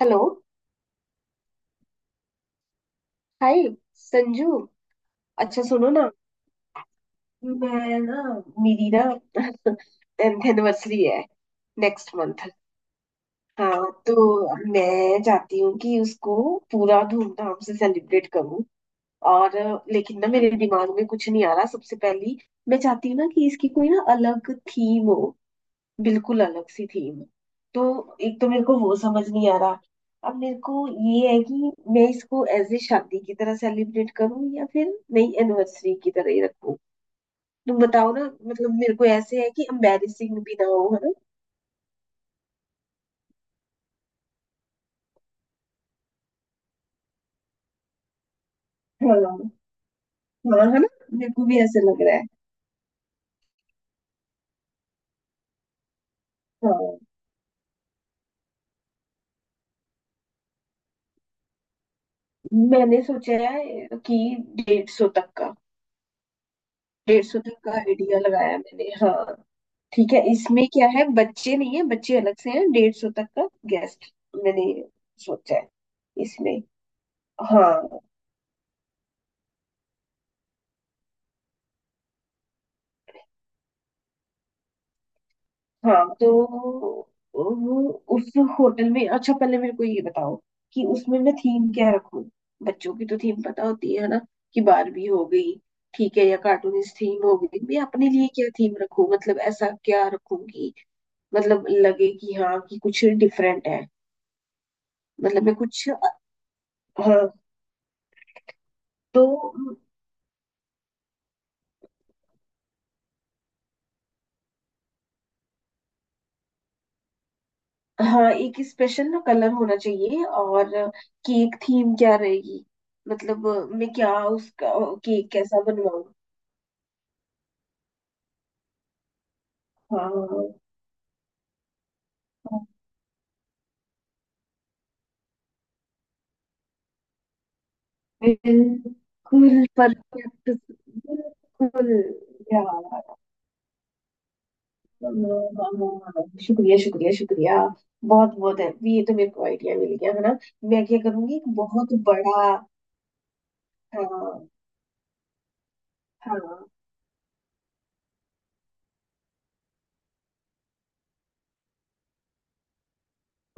Hello. Hi. Sanju, अच्छा सुनो ना। मैं ना, मेरी ना टेंथ एनिवर्सरी है नेक्स्ट मंथ। हाँ तो मैं चाहती हूँ कि उसको पूरा धूमधाम से सेलिब्रेट करूँ। और लेकिन ना मेरे दिमाग में कुछ नहीं आ रहा। सबसे पहली मैं चाहती हूँ ना कि इसकी कोई ना अलग थीम हो, बिल्कुल अलग सी थीम। तो एक तो मेरे को वो समझ नहीं आ रहा। अब मेरे को ये है कि मैं इसको एज ए शादी की तरह सेलिब्रेट करूं या फिर नई एनिवर्सरी की तरह ही रखूं। तुम बताओ ना, मतलब मेरे को ऐसे है कि एम्बैरेसिंग भी ना हो, है ना। हाँ हाँ, है ना, मेरे को भी ऐसे लग रहा है। हाँ, मैंने सोचा है कि 150 तक का। 150 तक का आइडिया लगाया मैंने, हाँ। ठीक है, इसमें क्या है बच्चे नहीं है, बच्चे अलग से हैं, 150 तक का गेस्ट मैंने सोचा है इसमें। हाँ, हाँ तो वो, उस होटल में। अच्छा पहले मेरे को ये बताओ कि उसमें मैं थीम क्या रखूं। बच्चों की तो थीम पता होती है ना कि बारबी हो गई, ठीक है, या कार्टूनिस्ट थीम हो गई। मैं अपने लिए क्या थीम रखूं? मतलब ऐसा क्या रखूंगी मतलब लगे कि हाँ कि कुछ डिफरेंट है। मतलब मैं कुछ, हाँ तो, हाँ एक स्पेशल ना कलर होना चाहिए। और केक थीम क्या रहेगी, मतलब मैं क्या उसका केक कैसा बनवाऊँ? हाँ, बिल्कुल परफेक्ट, बिल्कुल। यार, हाँ, हाँ, हाँ, शुक्रिया शुक्रिया शुक्रिया। बहुत बहुत है ये, तो मेरे को आइडिया मिल गया, है ना। मैं क्या करूंगी, एक बहुत बड़ा, हाँ, हाँ।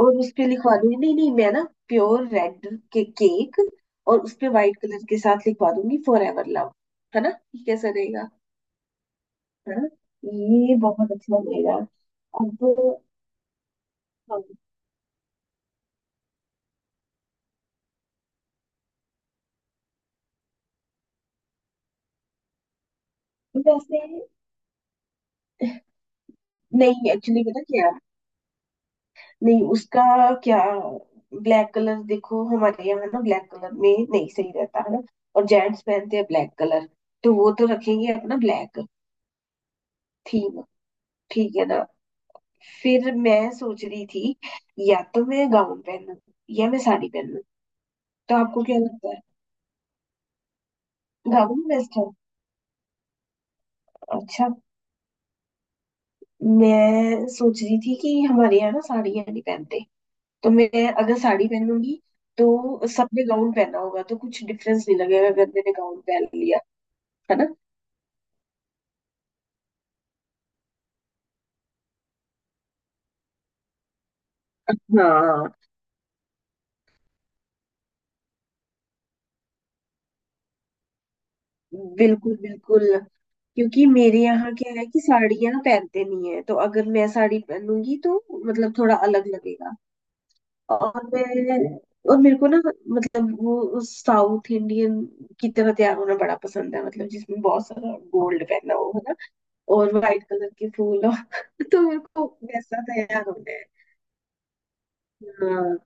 और उस पे लिखवा दूंगी, नहीं नहीं मैं ना प्योर रेड के केक और उस पे व्हाइट कलर के साथ लिखवा दूंगी फॉर एवर लव, है ना। ये कैसा रहेगा, है ना? ये बहुत अच्छा रहेगा। अब, हाँ, वैसे, नहीं एक्चुअली पता क्या है? नहीं उसका, क्या, ब्लैक कलर देखो हमारे यहाँ ना ब्लैक कलर में नहीं सही रहता है ना। और जेंट्स पहनते हैं ब्लैक कलर तो वो तो रखेंगे अपना ब्लैक थीम, ठीक है ना। फिर मैं सोच रही थी या तो मैं गाउन पहनूं या मैं साड़ी पहनूं। तो आपको क्या लगता है? गाउन बेस्ट है। अच्छा, मैं सोच रही थी कि हमारे यहाँ ना साड़ियाँ नहीं पहनते, तो मैं अगर साड़ी पहनूंगी तो सबने गाउन पहना होगा तो कुछ डिफरेंस नहीं लगेगा अगर मैंने गाउन पहन लिया, है ना। हाँ, बिल्कुल बिल्कुल। क्योंकि मेरे यहाँ क्या है कि साड़ियाँ पहनते नहीं है तो अगर मैं साड़ी पहनूंगी तो मतलब थोड़ा अलग लगेगा। और मैं और मेरे को ना मतलब वो उस साउथ इंडियन की तरह तैयार होना बड़ा पसंद है मतलब जिसमें बहुत सारा गोल्ड पहना हो, है ना। और वाइट कलर के फूल हो तो मेरे को वैसा तैयार होना है। हाँ,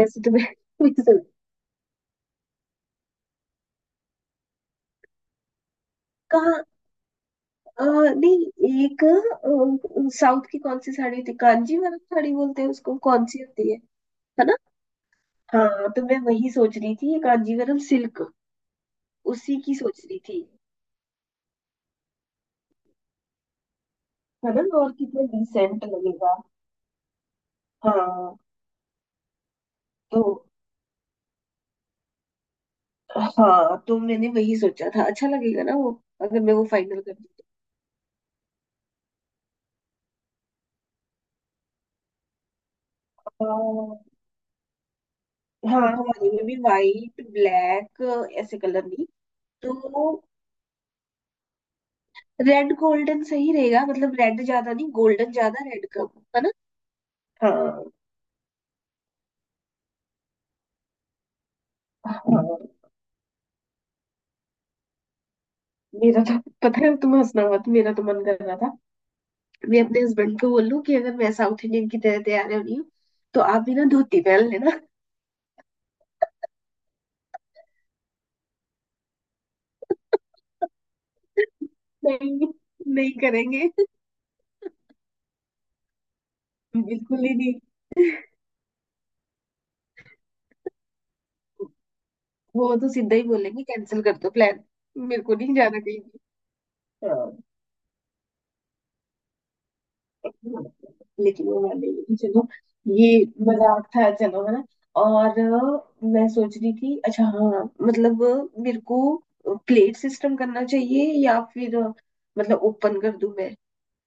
वैसे तो मैं वैसे- कहाँ? नहीं एक, साउथ की कौन सी साड़ी होती है, कांजीवरम साड़ी बोलते हैं उसको, कौन सी होती है ना? हाँ तो मैं वही सोच रही थी ये कांजीवरम सिल्क, उसी की सोच रही थी, है ना। और कितना डिसेंट लगेगा। हाँ तो, हाँ, तो मैंने वही सोचा था। अच्छा लगेगा ना वो? अगर मैं वो फाइनल कर दूँ तो। हाँ, हाँ, हमारे में भी वाइट ब्लैक ऐसे कलर नहीं। तो रेड गोल्डन सही रहेगा, मतलब रेड ज्यादा नहीं गोल्डन ज्यादा रेड कम, है ना। हाँ, हाँ। मेरा तो, पता है तुम हंसना मत, मेरा तो मन कर रहा था मैं अपने हस्बैंड को बोलूं कि अगर मैं साउथ इंडियन की तरह तैयार हो रही हूँ तो आप भी ना धोती पहन लेना। नहीं नहीं करेंगे, बिल्कुल ही नहीं। वो तो सीधा ही बोलेंगे कैंसिल कर दो प्लान, मेरे को नहीं जाना कहीं भी। हाँ, लेकिन वो वाले लेकिन, चलो ये मजाक था, चलो है ना। और मैं सोच रही थी, अच्छा हाँ मतलब मेरे को प्लेट सिस्टम करना चाहिए या फिर मतलब ओपन कर दूं मैं।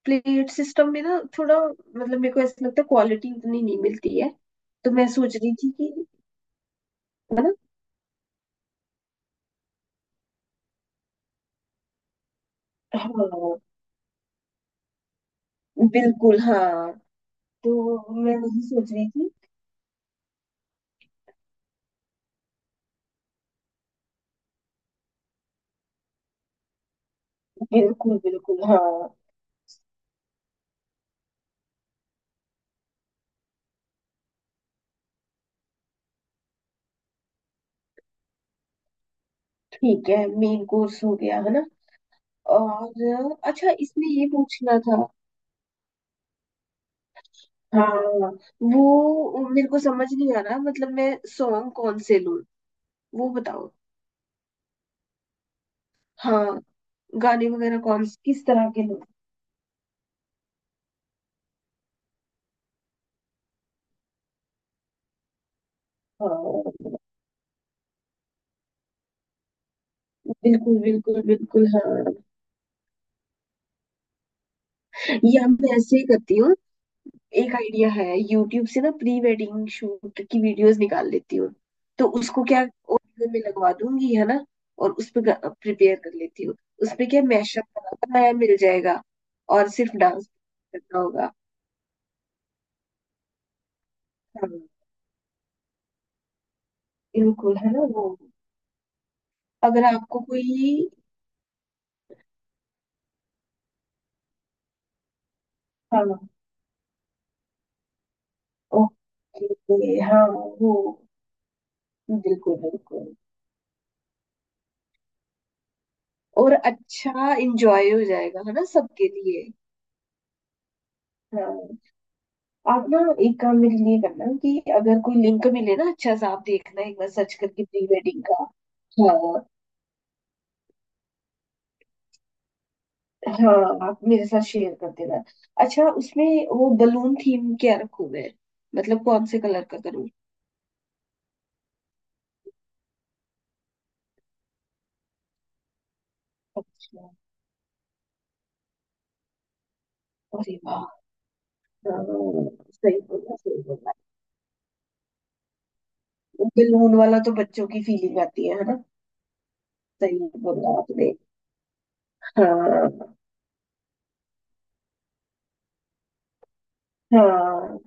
प्लेट सिस्टम में ना थोड़ा मतलब मेरे को ऐसा लगता है क्वालिटी उतनी नहीं मिलती है। तो मैं सोच रही थी कि, है ना। हाँ बिल्कुल, हाँ तो मैं वही सोच रही थी। बिल्कुल बिल्कुल हाँ। ठीक है, मेन कोर्स हो गया है ना। और अच्छा इसमें ये पूछना था। हाँ, वो मेरे को समझ नहीं आ रहा मतलब मैं सॉन्ग कौन से लूं, वो बताओ। हाँ, गाने वगैरह कौन से किस तरह के लूं? हाँ, बिल्कुल बिल्कुल बिल्कुल, हाँ। या मैं ऐसे ही करती हूँ, एक आइडिया है, यूट्यूब से ना प्री वेडिंग शूट की वीडियोस निकाल लेती हूँ तो उसको क्या ऑडियो में लगवा दूंगी, है ना। और उस पे प्रिपेयर कर लेती हूँ, उसपे क्या मैशअप बनाना नया मिल जाएगा और सिर्फ डांस करना होगा। हाँ बिल्कुल, है ना वो। अगर आपको कोई, हाँ, ओके हाँ, वो, बिल्कुल बिल्कुल, और अच्छा इंजॉय हो जाएगा है ना सबके लिए। हाँ, आप ना एक काम मेरे लिए करना कि अगर कोई लिंक मिले ना अच्छा सा आप देखना एक बार सर्च करके प्री वेडिंग का। हाँ, हाँ आप मेरे साथ शेयर कर देना। अच्छा उसमें वो बलून थीम क्या रखूं मैं, मतलब कौन से कलर का करूँ? अच्छा, अरे वाह, हाँ, सही बोला सही बोला। बलून वाला तो बच्चों की फीलिंग आती है ना। सही बोला आपने। हाँ, हाँ,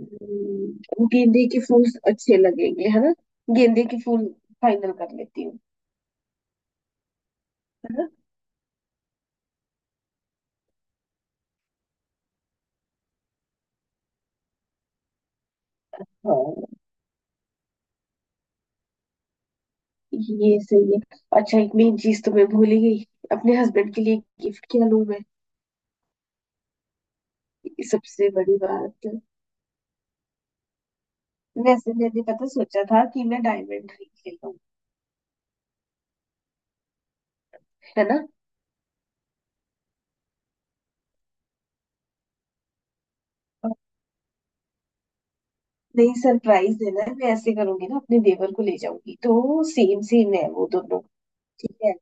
गेंदे के फूल अच्छे लगेंगे है ना, गेंदे के फूल फाइनल कर लेती हूँ। है ना। हाँ, ये सही है। अच्छा एक मेन चीज तो मैं भूल ही गई, अपने हस्बैंड के लिए गिफ्ट क्या लूं मैं? ये सबसे बड़ी बात है। वैसे मैंने पता सोचा था कि मैं डायमंड रिंग ले लूं। है ना, और, नहीं सरप्राइज देना है, मैं ऐसे करूंगी ना अपने देवर को ले जाऊंगी तो सेम सेम है वो दोनों। ठीक है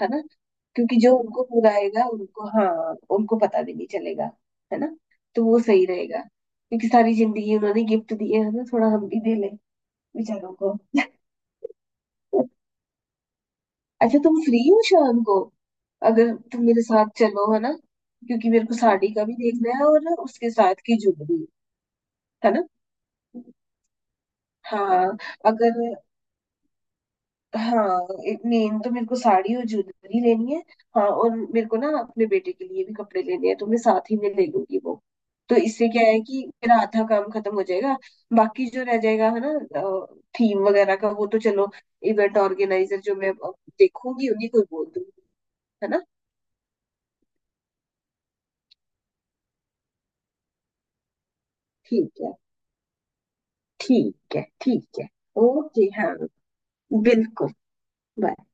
है ना, क्योंकि जो उनको बुलाएगा उनको, हाँ उनको पता भी नहीं चलेगा, है ना। तो वो सही रहेगा क्योंकि सारी जिंदगी उन्होंने गिफ्ट दिए है ना, थोड़ा हम भी दे लें बेचारों को। अच्छा तुम फ्री हो शाम को, अगर तुम मेरे साथ चलो है ना, क्योंकि मेरे को साड़ी का भी देखना है और उसके साथ की ज्वेलरी। है ना, हाँ, अगर, हाँ मेन तो मेरे को साड़ी और ज्वेलरी लेनी है, हाँ और मेरे को ना अपने बेटे के लिए भी कपड़े लेने हैं तो मैं साथ ही में ले लूंगी वो। तो इससे क्या है कि मेरा आधा काम खत्म हो जाएगा, बाकी जो रह जाएगा है ना थीम वगैरह का, वो तो चलो इवेंट ऑर्गेनाइजर जो मैं देखूंगी उन्हीं को बोल दूंगी। है ना, ठीक है, ठीक है ठीक है। ओके हाँ, बिल्कुल, बाय।